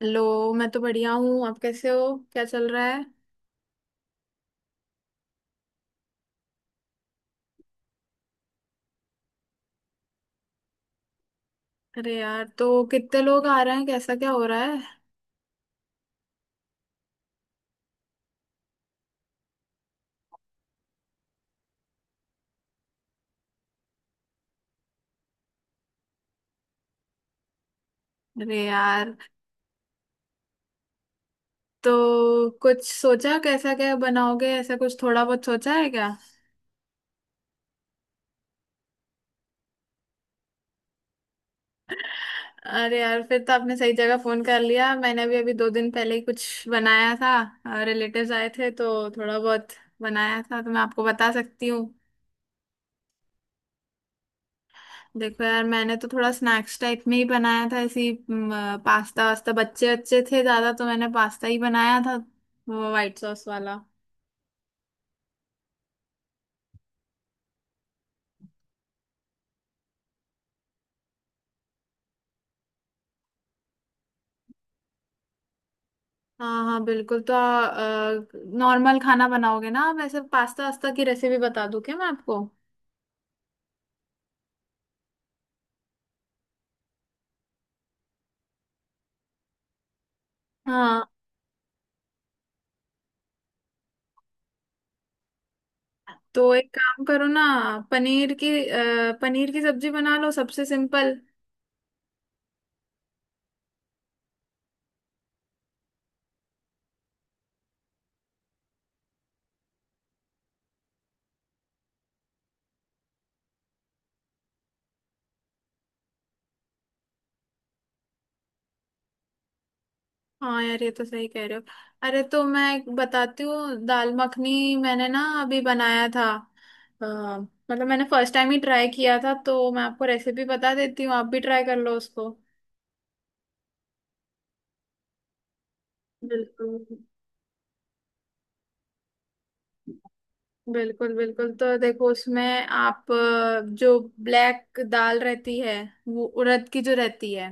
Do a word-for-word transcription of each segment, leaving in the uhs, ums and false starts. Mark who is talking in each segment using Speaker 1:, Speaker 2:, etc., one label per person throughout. Speaker 1: Hello. मैं तो बढ़िया हूँ, आप कैसे हो? क्या चल रहा है? अरे यार, तो कितने लोग आ रहे हैं? कैसा क्या हो रहा है? अरे यार, तो कुछ सोचा? कैसा क्या बनाओगे? ऐसा कुछ थोड़ा बहुत सोचा है क्या? अरे यार, फिर तो आपने सही जगह फोन कर लिया। मैंने भी अभी दो दिन पहले ही कुछ बनाया था, रिलेटिव्स आए थे, तो थोड़ा बहुत बनाया था, तो मैं आपको बता सकती हूँ। देखो यार, मैंने तो थोड़ा स्नैक्स टाइप में ही बनाया था, ऐसी पास्ता वास्ता। बच्चे अच्छे थे ज्यादा, तो मैंने पास्ता ही बनाया था, वो व्हाइट सॉस वाला। हाँ हाँ, बिल्कुल। तो नॉर्मल खाना बनाओगे ना आप? ऐसे पास्ता वास्ता की रेसिपी बता दूं क्या मैं आपको? हाँ, तो एक काम करो ना, पनीर की अ, पनीर की सब्जी बना लो, सबसे सिंपल। हाँ यार, ये तो सही कह रहे हो। अरे, तो मैं एक बताती हूँ, दाल मखनी मैंने ना अभी बनाया था। अ, मतलब मैंने फर्स्ट टाइम ही ट्राई किया था, तो मैं आपको रेसिपी बता देती हूँ, आप भी ट्राई कर लो उसको। बिल्कुल। बिल्कुल बिल्कुल। तो देखो, उसमें आप अ, जो ब्लैक दाल रहती है, वो उड़द की जो रहती है।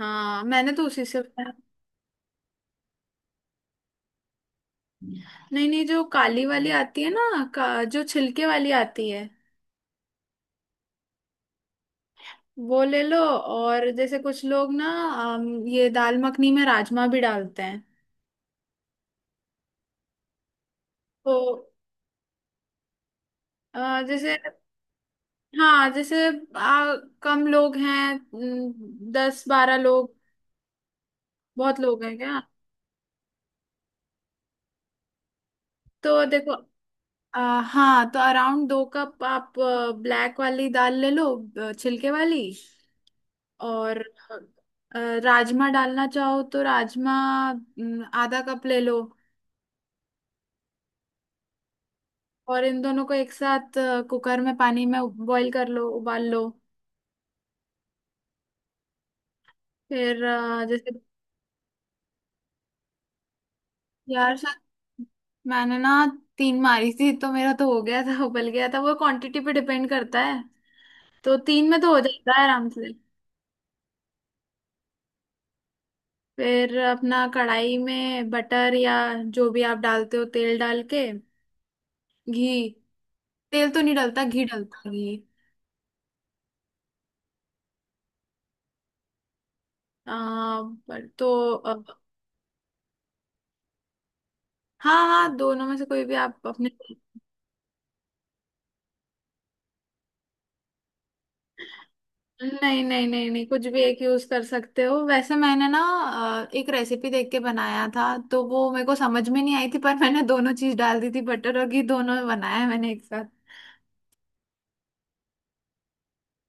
Speaker 1: हाँ, मैंने तो उसी से बनाया। नहीं नहीं, जो काली वाली आती है ना का, जो छिलके वाली आती है, वो ले लो। और जैसे कुछ लोग ना अम, ये दाल मखनी में राजमा भी डालते हैं। तो अ, जैसे, हाँ जैसे, आ, कम लोग हैं न, दस बारह लोग? बहुत लोग हैं क्या? तो देखो, अ, हाँ, तो अराउंड दो कप आप ब्लैक वाली दाल ले लो, अ, छिलके वाली। और अ, राजमा डालना चाहो तो राजमा न, आधा कप ले लो। और इन दोनों को एक साथ अ, कुकर में पानी में बॉईल कर लो, उबाल लो। फिर अ, जैसे, यार शायद मैंने ना तीन मारी थी, तो मेरा तो हो गया था, उबल गया था। वो क्वांटिटी पे डिपेंड करता है, तो तीन में तो हो जाता है आराम से। फिर अपना कढ़ाई में बटर या जो भी आप डालते हो, तेल डाल के, घी। तेल तो नहीं डलता, घी डलता है, घी। आ, पर तो अ, हाँ हाँ, दोनों में से कोई भी आप अपने। नहीं नहीं नहीं नहीं, कुछ भी एक यूज कर सकते हो। वैसे मैंने ना अ, एक रेसिपी देख के बनाया था, तो वो मेरे को समझ में नहीं आई थी, पर मैंने दोनों चीज डाल दी थी, बटर और घी दोनों, बनाया है मैंने एक साथ।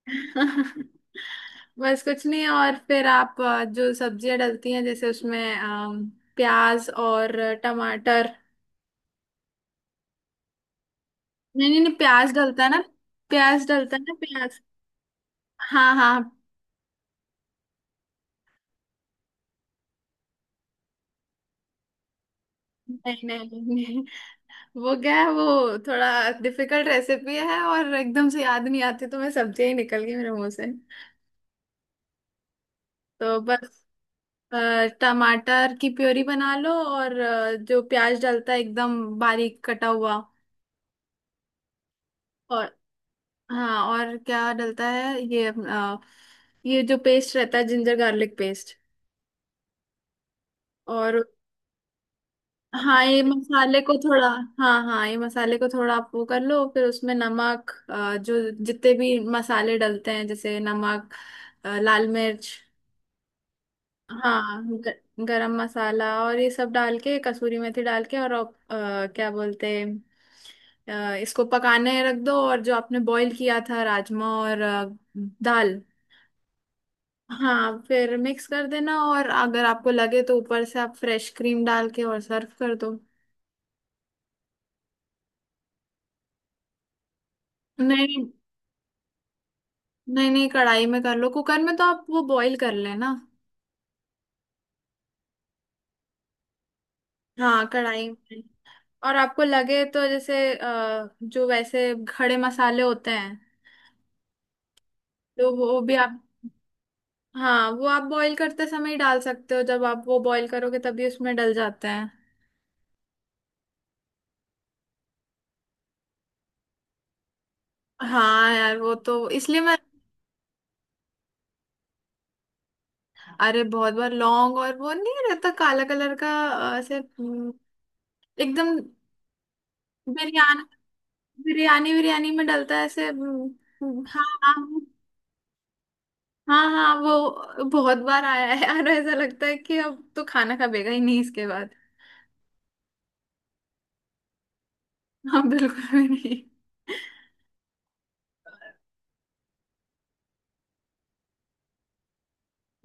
Speaker 1: बस कुछ नहीं। और फिर आप अ, जो सब्जियां डलती हैं जैसे उसमें अम, प्याज और टमाटर। नहीं नहीं नहीं, प्याज डलता है ना, प्याज डलता है ना, प्याज। हाँ हाँ हाँ। नहीं नहीं नहीं नहीं। वो क्या है, वो थोड़ा डिफिकल्ट रेसिपी है और एकदम से याद नहीं आती, तो मैं सब्जियां ही निकल गई मेरे मुंह से। तो बस, अ, टमाटर की प्योरी बना लो और अ, जो प्याज डलता है एकदम बारीक कटा हुआ। और हाँ, और क्या डलता है ये अ, ये जो पेस्ट रहता है, जिंजर गार्लिक पेस्ट। और हाँ, ये मसाले को थोड़ा। हाँ हाँ, ये मसाले को थोड़ा आप वो कर लो। फिर उसमें नमक अ, जो जितने भी मसाले डलते हैं, जैसे नमक, अ, लाल मिर्च। हाँ ग, गरम मसाला और ये सब डाल के, कसूरी मेथी डाल के, और आप, अ, क्या बोलते हैं, अ, इसको पकाने रख दो। और जो आपने बॉईल किया था, राजमा और अ, दाल, हाँ, फिर मिक्स कर देना। और अगर आपको लगे तो ऊपर से आप फ्रेश क्रीम डाल के और सर्व कर दो। नहीं नहीं नहीं, कढ़ाई में कर लो, कुकर में तो आप वो बॉईल कर लेना। हाँ, कढ़ाई में। और आपको लगे तो जैसे अ, जो वैसे खड़े मसाले होते हैं, तो वो भी आप। हाँ, वो आप बॉईल करते समय ही डाल सकते हो। जब आप वो बॉईल करोगे, तभी उसमें डल जाते हैं। हाँ यार, वो तो इसलिए मैं। अरे बहुत बार, लौंग और वो नहीं रहता काला कलर का, अ, ऐसे हम्म, एकदम बिरयानी, बिरयानी बिरयानी में डलता है, ऐसे हम्म, हाँ हाँ। हाँ हाँ, वो बहुत बार आया है यार। ऐसा लगता है कि अब तो खाना खाबेगा ही नहीं इसके बाद। हाँ, बिल्कुल भी नहीं।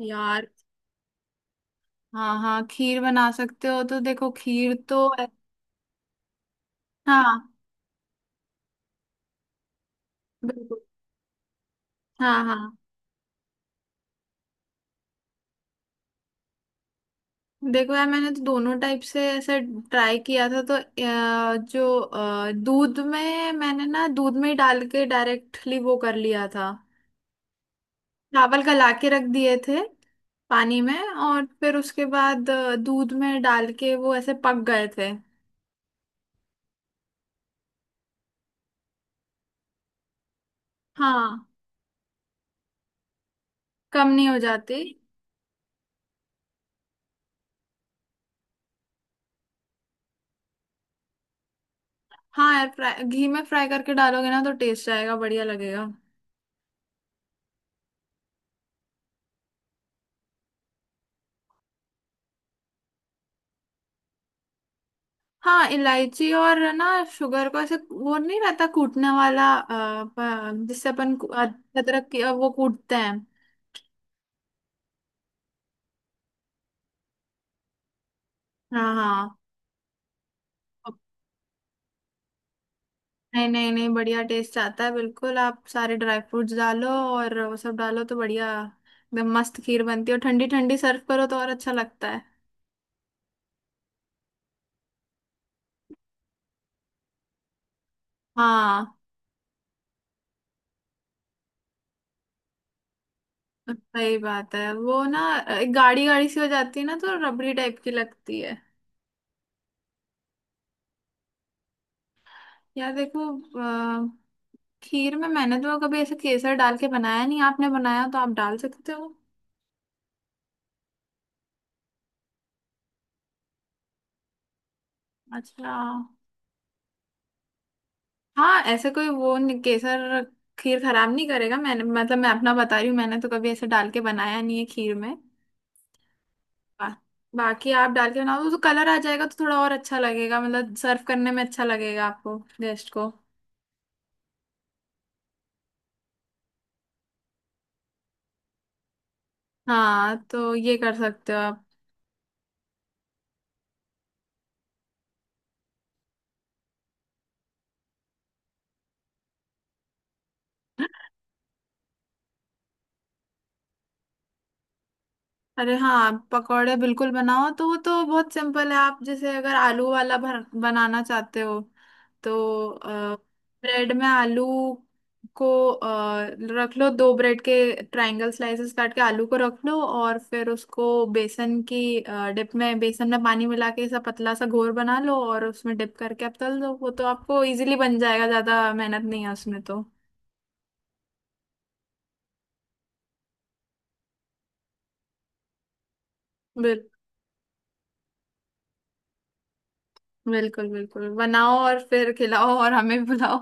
Speaker 1: यार, हाँ हाँ, खीर बना सकते हो। तो देखो खीर तो, हाँ, बिल्कुल। हाँ हाँ, देखो यार, मैंने तो दोनों टाइप से ऐसे ट्राई किया था। तो अ, जो अ, दूध में, मैंने ना दूध में ही डाल के डायरेक्टली वो कर लिया था। चावल गला के रख दिए थे पानी में, और फिर उसके बाद अ, दूध में डाल के वो ऐसे पक गए थे। हाँ, कम नहीं हो जाती। हाँ यार, फ्राई, घी में फ्राई करके डालोगे ना तो टेस्ट आएगा, बढ़िया लगेगा। हाँ, इलायची और ना शुगर को ऐसे वो नहीं रहता कूटने वाला, अ, प- जिससे अपन कू- अ, अदरक की अ, वो कूटते हैं। हाँ हाँ। नहीं नहीं नहीं, बढ़िया टेस्ट आता है बिल्कुल। आप सारे ड्राई फ्रूट्स डालो और वो सब डालो तो बढ़िया, एकदम मस्त खीर बनती है। और ठंडी ठंडी सर्व करो तो और अच्छा लगता है। हाँ। सही बात है, वो ना गाड़ी गाड़ी सी हो जाती है ना, तो रबड़ी टाइप की लगती है। यार देखो, खीर में मैंने तो कभी ऐसे केसर डाल के बनाया नहीं। आपने बनाया तो आप डाल सकते हो। अच्छा, हाँ, ऐसे कोई वो नहीं, केसर खीर खराब नहीं करेगा। मैंने, मतलब मैं अपना बता रही हूँ, मैंने तो कभी ऐसे डाल के बनाया नहीं है खीर में। बा, बाकी आप डाल के बनाओ तो कलर आ जाएगा, तो थोड़ा और अच्छा लगेगा, मतलब सर्व करने में अच्छा लगेगा आपको गेस्ट को। हाँ, तो ये कर सकते हो आप। अरे हाँ, पकौड़े बिल्कुल बनाओ, तो वो तो बहुत सिंपल है। आप जैसे अगर आलू वाला भर बनाना चाहते हो, तो अ, ब्रेड में आलू को अ, रख लो, दो ब्रेड के ट्रायंगल स्लाइसेस काट के आलू को रख लो, और फिर उसको बेसन की डिप में, बेसन में पानी मिला के ऐसा पतला सा घोर बना लो, और उसमें डिप करके आप तल दो। वो तो आपको इजीली बन जाएगा, ज्यादा मेहनत नहीं है उसमें तो। बिल बिल्कुल बिल्कुल बनाओ और फिर खिलाओ, और हमें बुलाओ।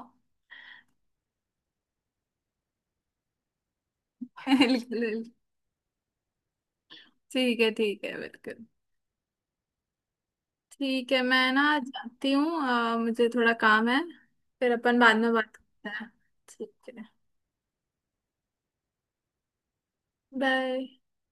Speaker 1: बिल्कुल बिल्कुल। ठीक है ठीक है, बिल्कुल। ठीक है, मैं ना जाती हूँ, अ, मुझे थोड़ा काम है। फिर अपन बाद में बात करते हैं। ठीक है। बाय।